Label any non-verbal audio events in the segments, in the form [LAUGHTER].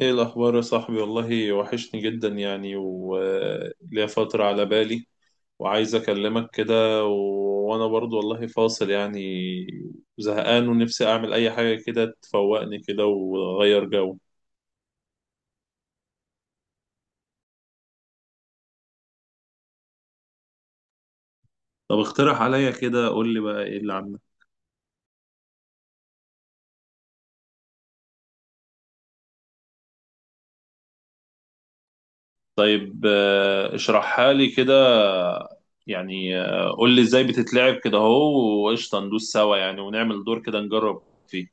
ايه الاخبار يا صاحبي، والله وحشني جدا يعني وليا فترة على بالي وعايز اكلمك كده وانا برضو والله فاصل يعني، زهقان ونفسي اعمل اي حاجة كده تفوقني كده واغير جو. طب اقترح عليا كده، قول لي بقى ايه اللي عندك؟ طيب، اشرحها لي كده. يعني قول لي ازاي بتتلعب كده اهو، وقشطة ندوس سوا يعني ونعمل دور كده نجرب فيه.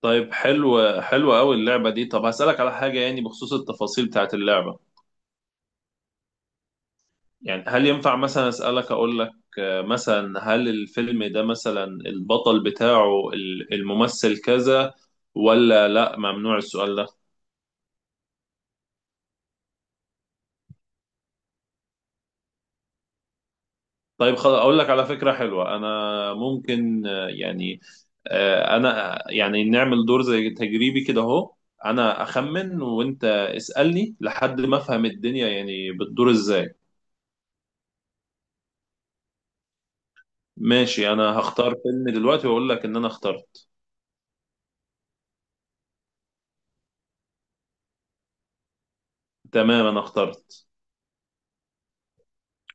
طيب حلو قوي اللعبة دي. طب هسألك على حاجة يعني بخصوص التفاصيل بتاعت اللعبة. يعني هل ينفع مثلا أسألك أقول لك مثلا هل الفيلم ده مثلا البطل بتاعه الممثل كذا، ولا لا، ممنوع السؤال ده؟ طيب خلاص، أقول لك على فكرة حلوة. أنا ممكن أنا يعني نعمل دور زي تجريبي كده أهو. أنا أخمن وأنت اسألني لحد ما أفهم الدنيا يعني بتدور إزاي. ماشي، انا هختار فيلم دلوقتي واقول لك ان انا اخترت. تمام، انا اخترت.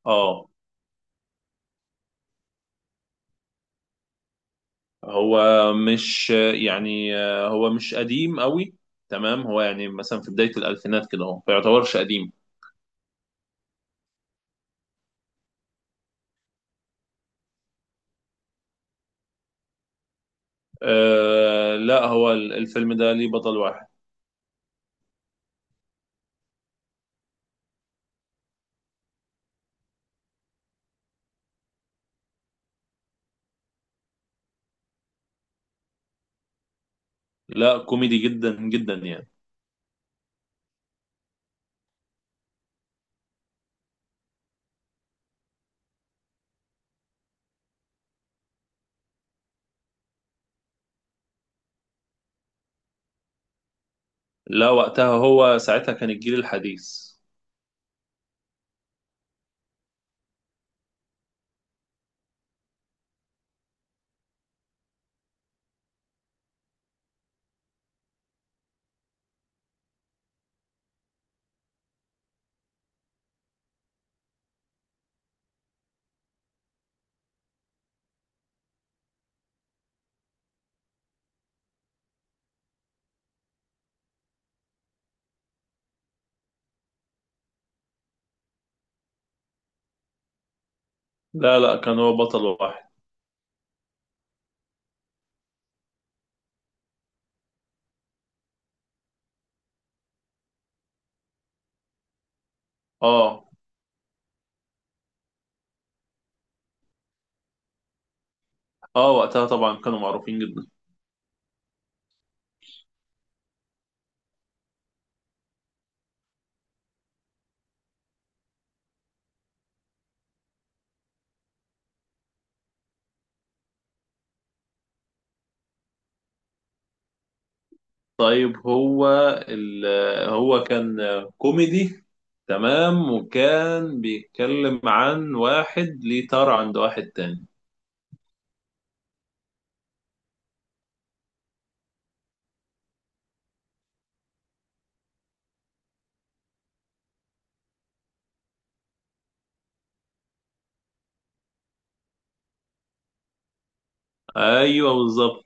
اه. هو مش يعني، هو مش قديم قوي. تمام، هو يعني مثلا في بداية الألفينات كده، هو ما يعتبرش قديم. آه لا، هو الفيلم ده ليه بطل واحد. لا، كوميدي جدا يعني. لا، وقتها هو ساعتها كان الجيل الحديث. لا، كان هو بطل واحد. اه. اه وقتها طبعا كانوا معروفين جدا. طيب هو ال... هو كان كوميدي، تمام، وكان بيتكلم عن واحد ليه طار عند واحد تاني. ايوه بالظبط.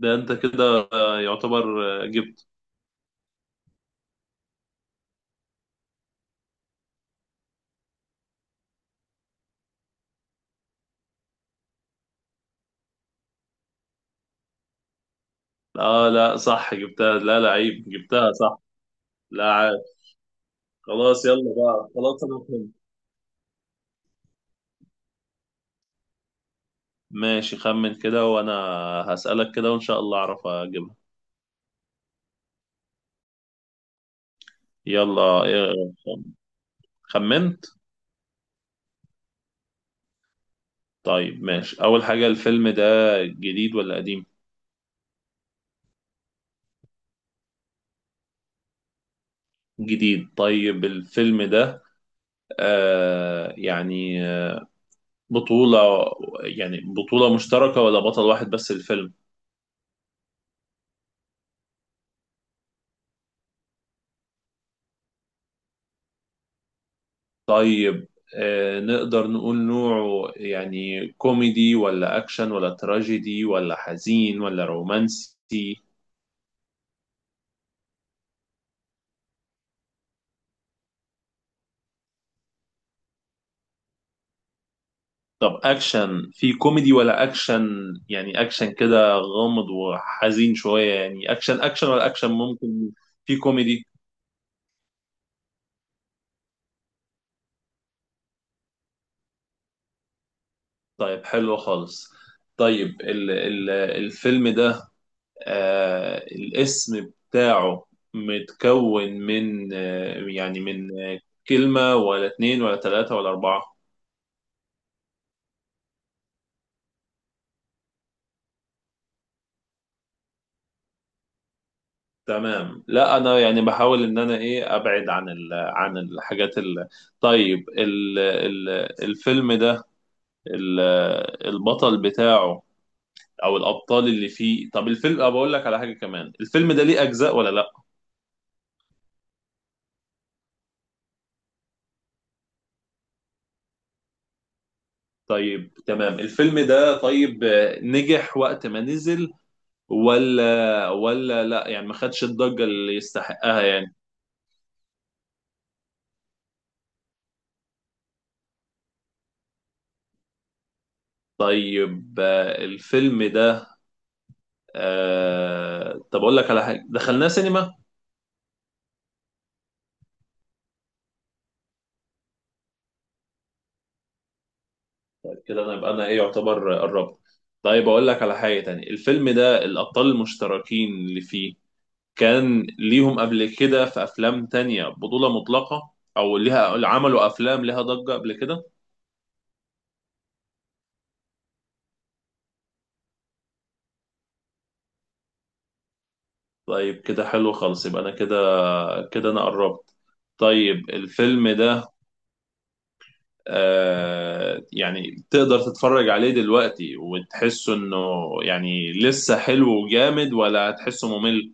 ده انت كده يعتبر جبت. اه. لا صح، جبتها. لا، عيب، جبتها صح. لا عيب. خلاص يلا بقى، خلاص انا فهمت. ماشي، خمن كده وانا هسألك كده وان شاء الله اعرف اجيبها. يلا خمنت. طيب ماشي، اول حاجة الفيلم ده جديد ولا قديم؟ جديد. طيب الفيلم ده يعني بطولة، يعني بطولة مشتركة ولا بطل واحد بس الفيلم؟ طيب آه، نقدر نقول نوعه يعني كوميدي ولا أكشن ولا تراجيدي ولا حزين ولا رومانسي؟ طب أكشن في كوميدي ولا أكشن؟ يعني أكشن كده غامض وحزين شوية، يعني أكشن ولا أكشن ممكن في كوميدي؟ طيب حلو خالص. طيب ال الفيلم ده آه، الاسم بتاعه متكون من من كلمة ولا اتنين ولا تلاتة ولا أربعة؟ تمام، لا أنا يعني بحاول إن أنا إيه أبعد عن ال عن الحاجات ال. طيب ال الفيلم ده، ال البطل بتاعه أو الأبطال اللي فيه. طب الفيلم، أه بقول لك على حاجة كمان، الفيلم ده ليه أجزاء ولا لأ؟ طيب تمام. الفيلم ده طيب آه، نجح وقت ما نزل ولا لا يعني ما خدش الضجة اللي يستحقها يعني؟ طيب آه، الفيلم ده آه، طب اقول لك على حاجة، دخلناه سينما؟ كده انا يبقى انا ايه يعتبر قربت. طيب اقول لك على حاجة تانية، الفيلم ده الابطال المشتركين اللي فيه كان ليهم قبل كده في افلام تانية بطولة مطلقة او ليها، عملوا افلام ليها ضجة قبل كده؟ طيب كده حلو خالص، يبقى انا كده، كده انا قربت. طيب الفيلم ده آه، يعني تقدر تتفرج عليه دلوقتي وتحسه انه يعني لسه حلو وجامد، ولا هتحسه ممل؟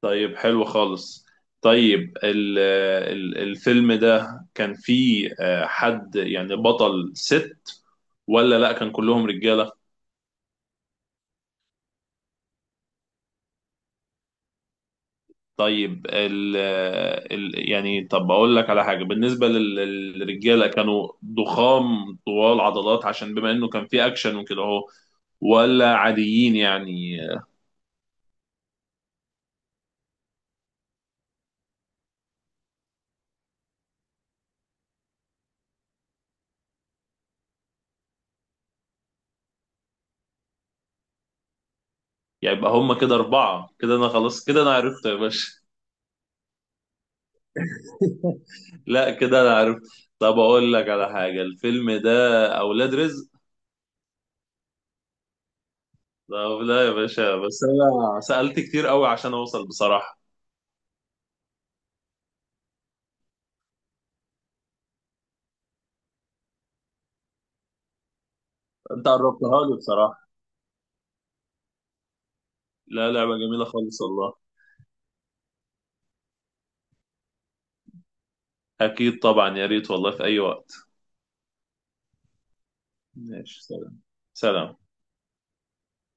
طيب حلو خالص. طيب الفيلم ده كان فيه حد يعني بطل ست، ولا لا كان كلهم رجالة؟ طيب ال يعني، طب اقول لك على حاجة بالنسبة للرجالة، كانوا ضخام طوال عضلات عشان بما انه كان فيه اكشن وكده اهو، ولا عاديين يعني؟ يعني يبقى هم كده أربعة، كده أنا خلاص، كده أنا عرفت يا باشا. [LAUGHS] لا كده أنا عرفت. طب أقول لك على حاجة، الفيلم ده أولاد رزق. طب لا يا باشا، بس أنا سألت كتير قوي عشان أوصل بصراحة. أنت قربتها لي بصراحة. لا، لعبة جميلة خالص والله. أكيد طبعا، يا ريت والله في أي وقت. ماشي، سلام. سلام.